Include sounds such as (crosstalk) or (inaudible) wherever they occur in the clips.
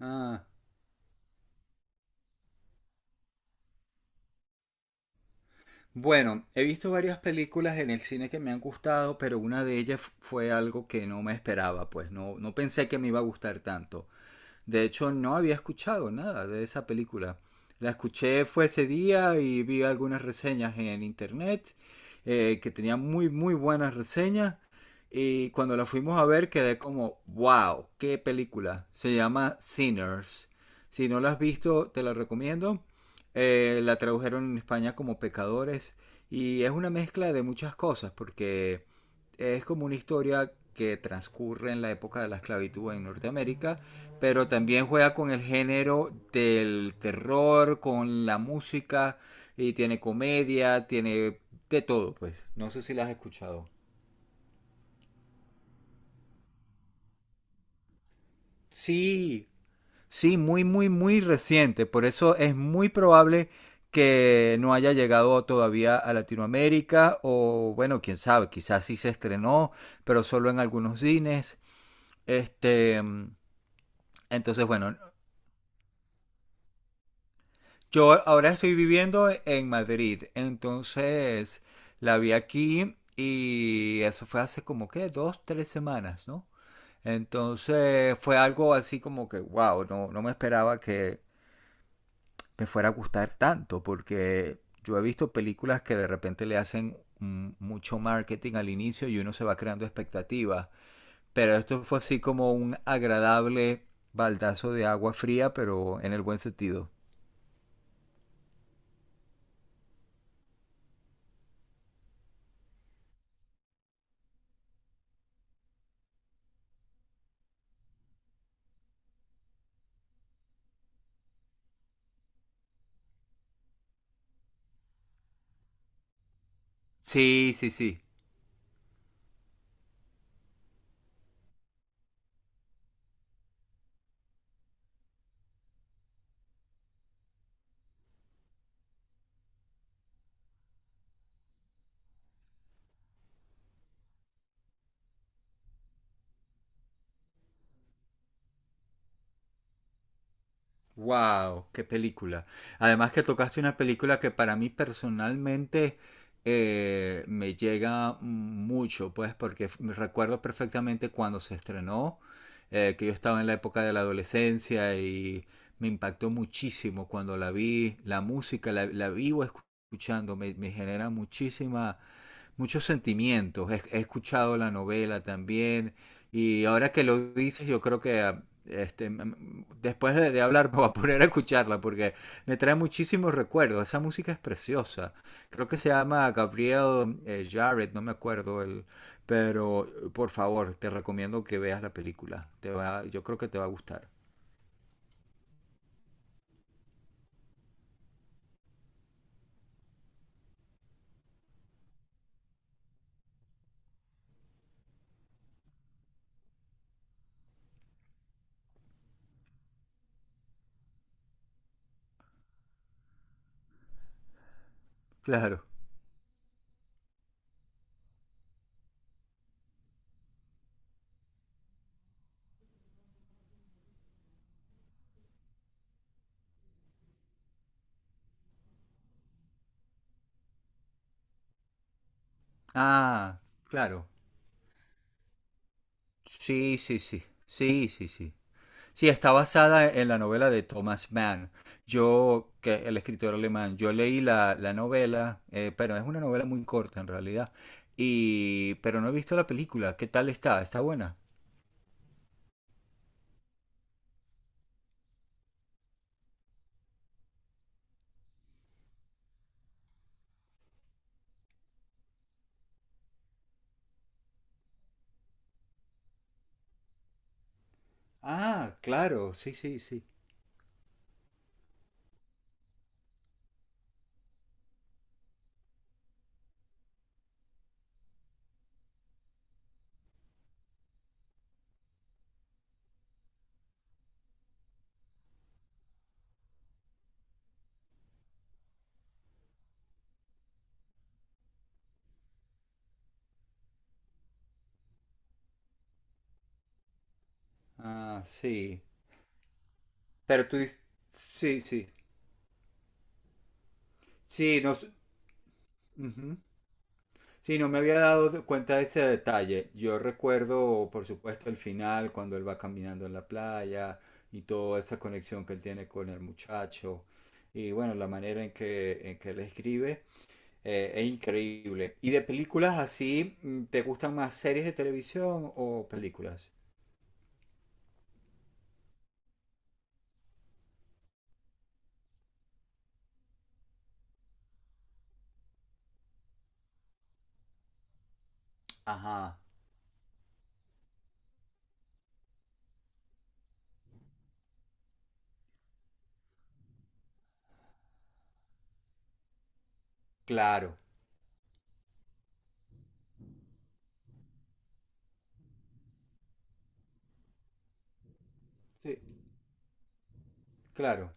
Ah, bueno, he visto varias películas en el cine que me han gustado, pero una de ellas fue algo que no me esperaba, pues no pensé que me iba a gustar tanto. De hecho, no había escuchado nada de esa película. La escuché fue ese día y vi algunas reseñas en internet, que tenían muy buenas reseñas. Y cuando la fuimos a ver quedé como, wow, qué película. Se llama Sinners. Si no la has visto, te la recomiendo. La tradujeron en España como Pecadores. Y es una mezcla de muchas cosas, porque es como una historia que transcurre en la época de la esclavitud en Norteamérica, pero también juega con el género del terror, con la música, y tiene comedia, tiene de todo, pues. No sé si la has escuchado. Sí, sí, muy reciente. Por eso es muy probable que no haya llegado todavía a Latinoamérica o bueno, quién sabe, quizás sí se estrenó, pero solo en algunos cines. Este, entonces, bueno, yo ahora estoy viviendo en Madrid, entonces la vi aquí y eso fue hace como que dos, tres semanas, ¿no? Entonces fue algo así como que, wow, no me esperaba que me fuera a gustar tanto, porque yo he visto películas que de repente le hacen mucho marketing al inicio y uno se va creando expectativas, pero esto fue así como un agradable baldazo de agua fría, pero en el buen sentido. Sí, sí, sí. Wow, qué película. Además que tocaste una película que para mí personalmente, me llega mucho, pues porque me recuerdo perfectamente cuando se estrenó, que yo estaba en la época de la adolescencia y me impactó muchísimo cuando la vi, la música, la vivo escuchando, me genera muchísima, muchos sentimientos. He escuchado la novela también, y ahora que lo dices, yo creo que ah, este, después de hablar (laughs) me voy a poner a escucharla porque me trae muchísimos recuerdos. Esa música es preciosa. Creo que se llama Gabriel, Jarrett, no me acuerdo el, pero por favor, te recomiendo que veas la película. Te va, yo creo que te va a gustar. Claro. Ah, claro. Sí, sí, sí. Sí, sí, sí. Sí, está basada en la novela de Thomas Mann. Yo, que el escritor alemán, yo leí la, la novela, pero es una novela muy corta en realidad. Y, pero no he visto la película. ¿Qué tal está? ¿Está buena? Ah, claro, sí, sí, sí. Ah, sí. Pero tú dices, sí, sí. Sí, no. Ujú. Sí, no me había dado cuenta de ese detalle. Yo recuerdo, por supuesto, el final, cuando él va caminando en la playa y toda esa conexión que él tiene con el muchacho. Y bueno, la manera en que él escribe, es increíble. ¿Y de películas así, te gustan más series de televisión o películas? Ajá, claro. Sí, claro.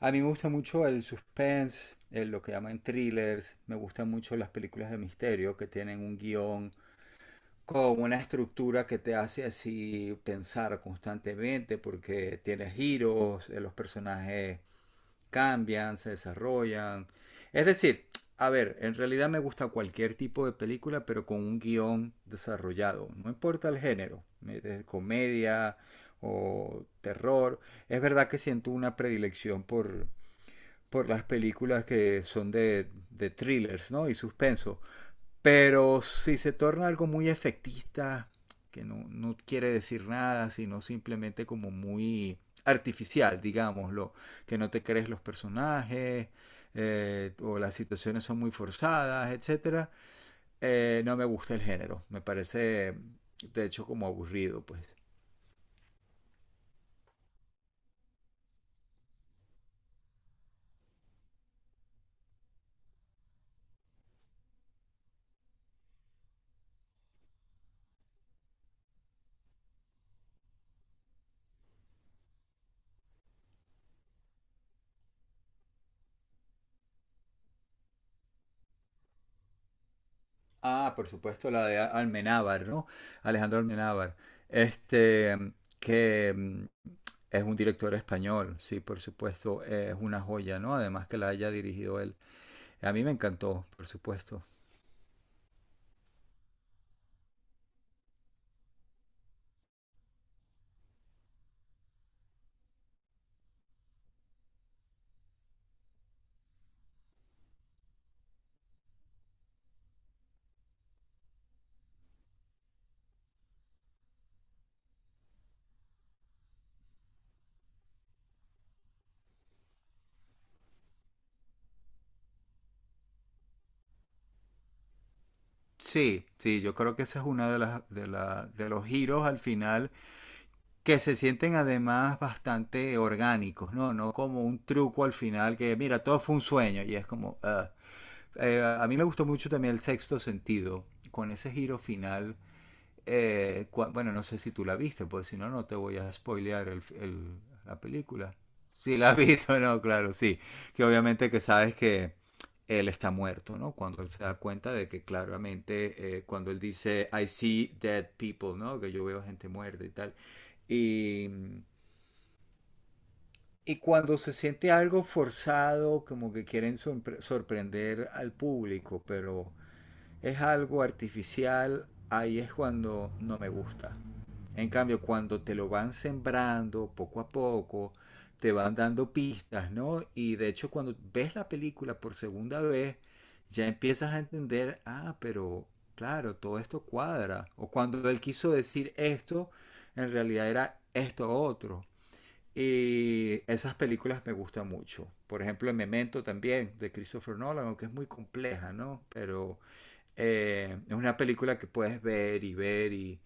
A mí me gusta mucho el suspense, lo que llaman thrillers. Me gustan mucho las películas de misterio que tienen un guión con una estructura que te hace así pensar constantemente porque tiene giros, los personajes cambian, se desarrollan. Es decir, a ver, en realidad me gusta cualquier tipo de película, pero con un guión desarrollado. No importa el género, de comedia o terror. Es verdad que siento una predilección por las películas que son de thrillers, ¿no? Y suspenso. Pero si se torna algo muy efectista, que no quiere decir nada, sino simplemente como muy artificial, digámoslo, que no te crees los personajes, o las situaciones son muy forzadas, etcétera, no me gusta el género. Me parece, de hecho, como aburrido, pues. Ah, por supuesto, la de Almenábar, ¿no? Alejandro Almenábar. Este, que es un director español, sí, por supuesto, es una joya, ¿no? Además que la haya dirigido él. A mí me encantó, por supuesto. Sí, sí, yo creo que ese es uno de, las, de, de los giros al final que se sienten además bastante orgánicos, ¿no? No como un truco al final que, mira, todo fue un sueño y es como... ah. A mí me gustó mucho también el sexto sentido, con ese giro final. Bueno, no sé si tú la viste, pues si no, no te voy a spoilear el, la película. Si la has visto, (laughs) no, claro, sí. Que obviamente que sabes que él está muerto, ¿no? Cuando él se da cuenta de que claramente, cuando él dice, I see dead people, ¿no? Que yo veo gente muerta y tal. Y, y cuando se siente algo forzado, como que quieren sorprender al público, pero es algo artificial, ahí es cuando no me gusta. En cambio, cuando te lo van sembrando poco a poco, te van dando pistas, ¿no? Y de hecho, cuando ves la película por segunda vez, ya empiezas a entender, ah, pero claro, todo esto cuadra. O cuando él quiso decir esto, en realidad era esto otro. Y esas películas me gustan mucho. Por ejemplo, el Memento también, de Christopher Nolan, aunque es muy compleja, ¿no? Pero es una película que puedes ver y ver y...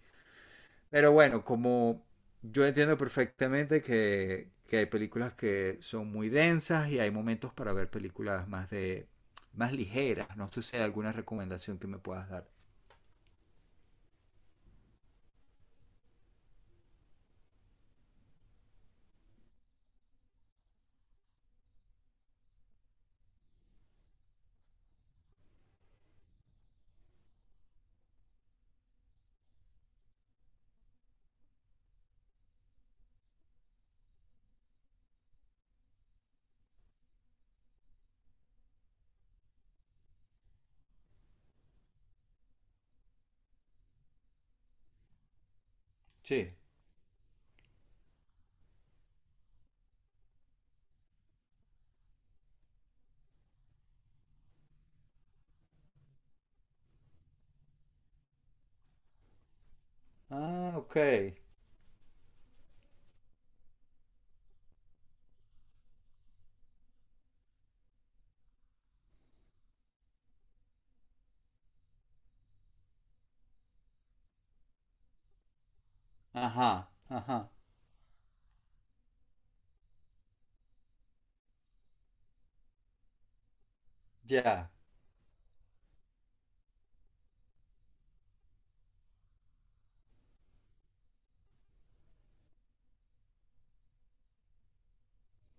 Pero bueno, como yo entiendo perfectamente que hay películas que son muy densas y hay momentos para ver películas más de más ligeras. No sé si hay alguna recomendación que me puedas dar. Sí. Ah, ok. Ajá, ajá. Ya,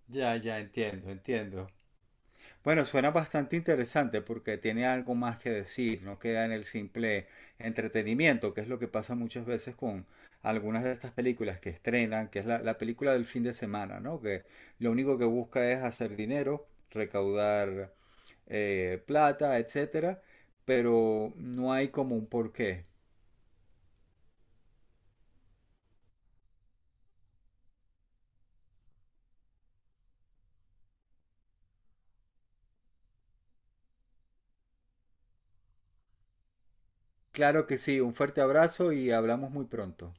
ya, ya, entiendo, entiendo. Bueno, suena bastante interesante porque tiene algo más que decir, no queda en el simple entretenimiento, que es lo que pasa muchas veces con algunas de estas películas que estrenan, que es la, la película del fin de semana, ¿no? Que lo único que busca es hacer dinero, recaudar, plata, etcétera, pero no hay como un porqué. Claro que sí, un fuerte abrazo y hablamos muy pronto.